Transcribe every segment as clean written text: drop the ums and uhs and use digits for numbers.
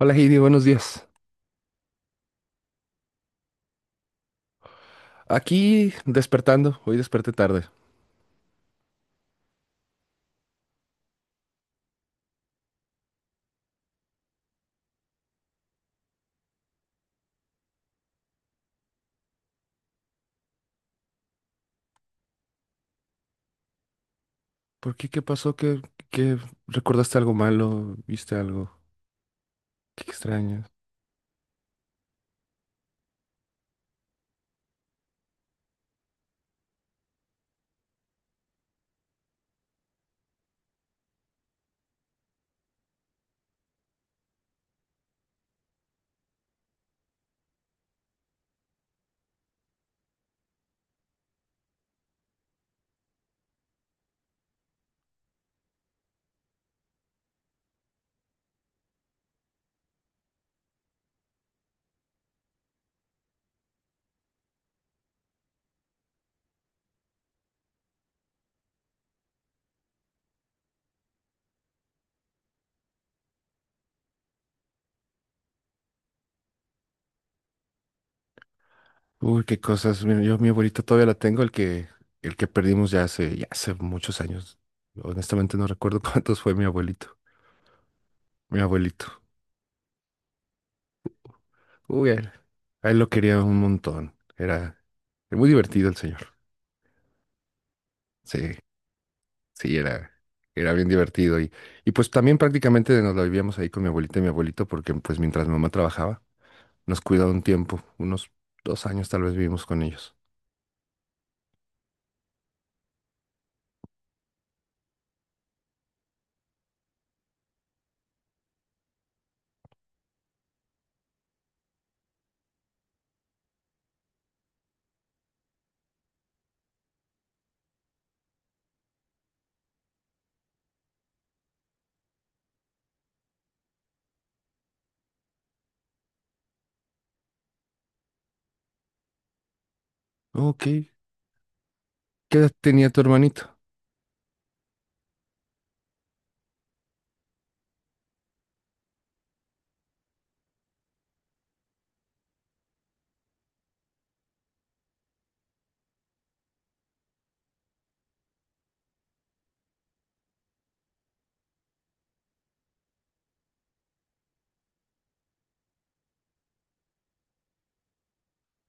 Hola Heidi, buenos días. Aquí despertando, hoy desperté tarde. ¿Por qué? ¿Qué pasó? ¿Qué recordaste algo malo? ¿Viste algo? Qué extraño. Uy, qué cosas. Mira, yo mi abuelita todavía la tengo, el que perdimos ya hace muchos años. Honestamente no recuerdo cuántos fue mi abuelito. Mi abuelito. Uy, a él lo quería un montón. Era, era muy divertido el señor. Sí. Sí, era, era bien divertido. Y pues también prácticamente nos la vivíamos ahí con mi abuelita y mi abuelito, porque pues mientras mi mamá trabajaba, nos cuidaba un tiempo, unos 2 años tal vez vivimos con ellos. Ok. ¿Qué edad tenía tu hermanito?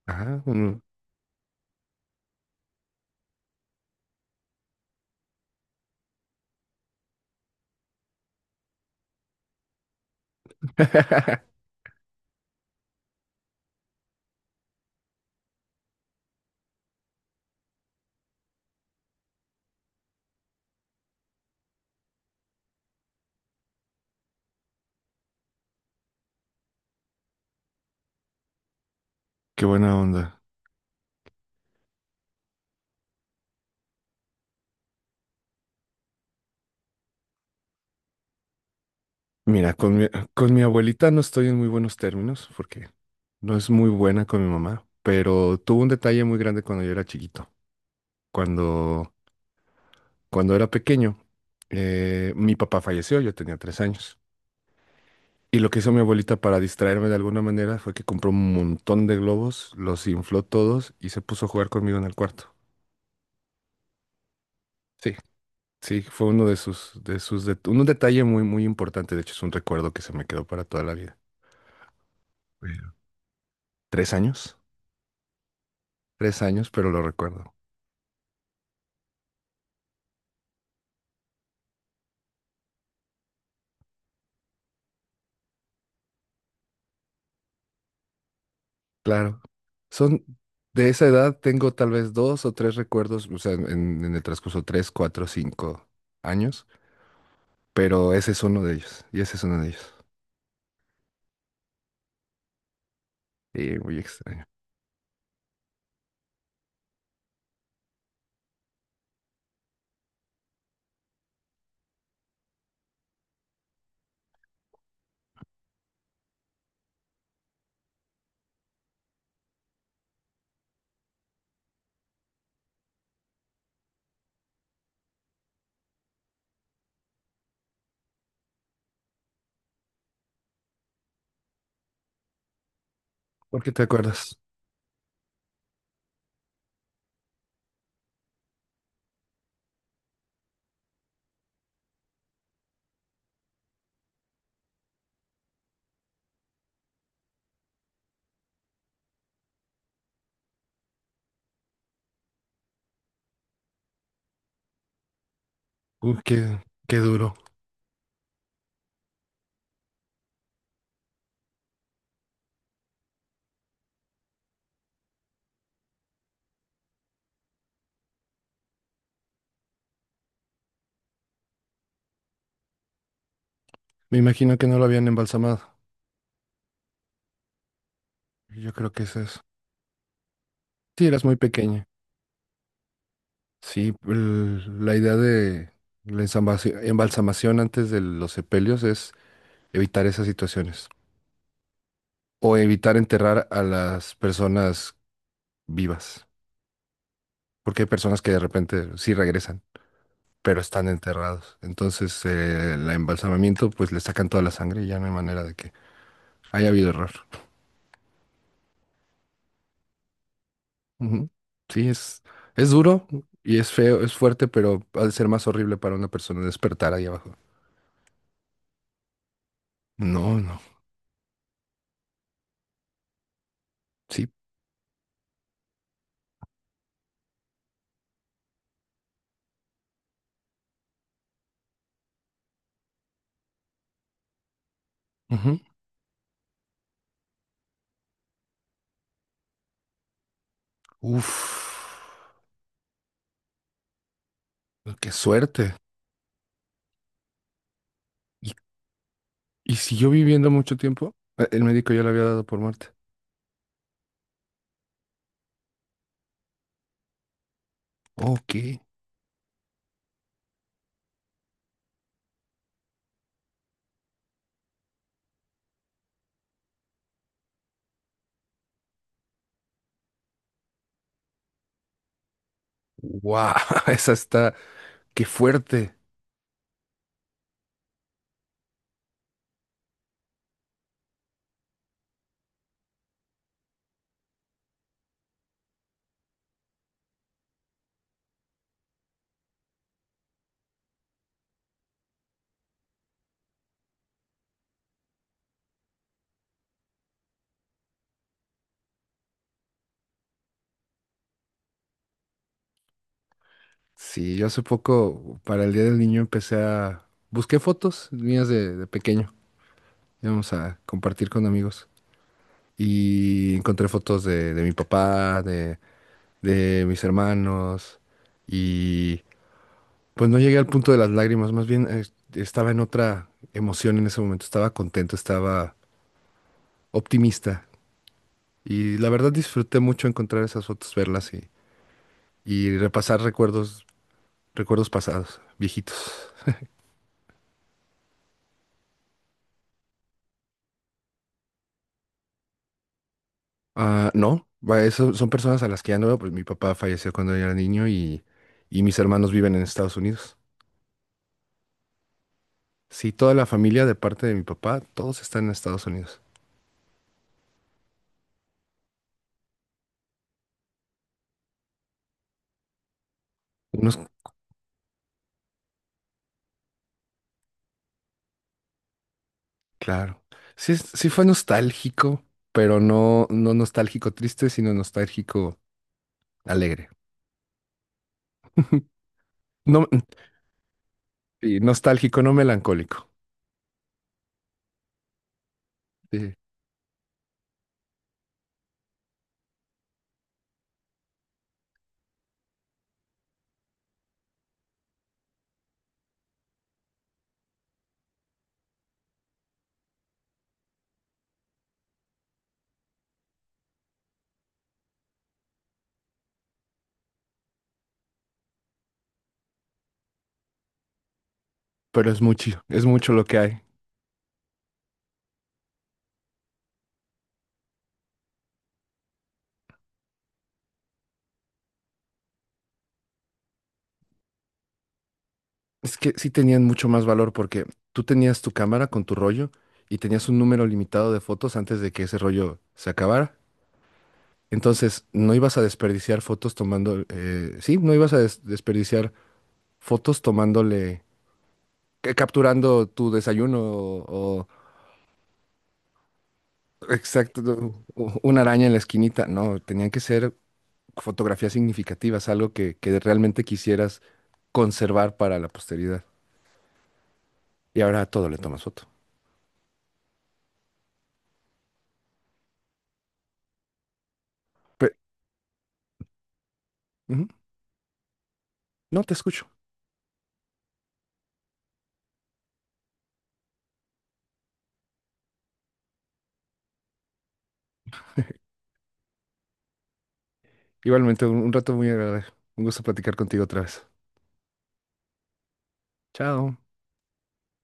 Ajá, Qué buena onda. Mira, con mi abuelita no estoy en muy buenos términos porque no es muy buena con mi mamá, pero tuvo un detalle muy grande cuando yo era chiquito. Cuando, cuando era pequeño, mi papá falleció, yo tenía 3 años. Y lo que hizo mi abuelita para distraerme de alguna manera fue que compró un montón de globos, los infló todos y se puso a jugar conmigo en el cuarto. Sí, sí, fue uno un detalle muy, muy importante. De hecho, es un recuerdo que se me quedó para toda la vida. Bueno. ¿3 años? 3 años, pero lo recuerdo. Claro. Son de esa edad, tengo tal vez dos o tres recuerdos, o sea, en el transcurso tres, cuatro, 5 años, pero ese es uno de ellos. Y ese es uno de ellos. Y muy extraño. ¿Por qué te acuerdas? Uy, qué, qué duro. Me imagino que no lo habían embalsamado. Yo creo que eso es, eso. Sí, eras muy pequeña. Sí, el- la idea de la ensambasi- embalsamación antes de los sepelios es evitar esas situaciones o evitar enterrar a las personas vivas, porque hay personas que de repente sí regresan, pero están enterrados. Entonces, el embalsamamiento, pues le sacan toda la sangre y ya no hay manera de que haya habido error. Ujú. Sí, es duro y es, feo, es fuerte, pero ha de ser más horrible para una persona despertar ahí abajo. No, no, sí. Ujú. Uf, qué suerte. ¿Y, y siguió viviendo mucho tiempo? El médico ya le había dado por muerte. Ok. Wow, esa está, qué fuerte. Sí, yo hace poco, para el Día del Niño, empecé a... Busqué fotos mías de pequeño. Íbamos a compartir con amigos. Y encontré fotos de mi papá, de mis hermanos y pues no llegué al punto de las lágrimas, más bien estaba en otra emoción en ese momento, estaba contento, estaba optimista y la verdad disfruté mucho encontrar esas fotos, verlas y repasar recuerdos, recuerdos pasados, viejitos. Ah, no, va, eso son personas a las que ya no veo, pues mi papá falleció cuando yo era niño y mis hermanos viven en Estados Unidos. Sí, toda la familia de parte de mi papá, todos están en Estados Unidos. Unos claro. Sí, es- sí fue nostálgico, pero no, no nostálgico triste, sino nostálgico alegre. No, sí, nostálgico, no melancólico. Sí, pero es mucho lo que hay. Es que sí tenían mucho más valor porque tú tenías tu cámara con tu rollo y tenías un número limitado de fotos antes de que ese rollo se acabara. Entonces, no ibas a desperdiciar fotos tomando, sí, no ibas a desperdiciar fotos tomándole, capturando tu desayuno o, exacto, no, una araña en la esquinita. No, tenían que ser fotografías significativas, algo que realmente quisieras conservar para la posteridad. Y ahora a todo le tomas foto. Pe- Ujú. No te escucho. Igualmente, un rato muy agradable. Un gusto platicar contigo otra vez. Chao.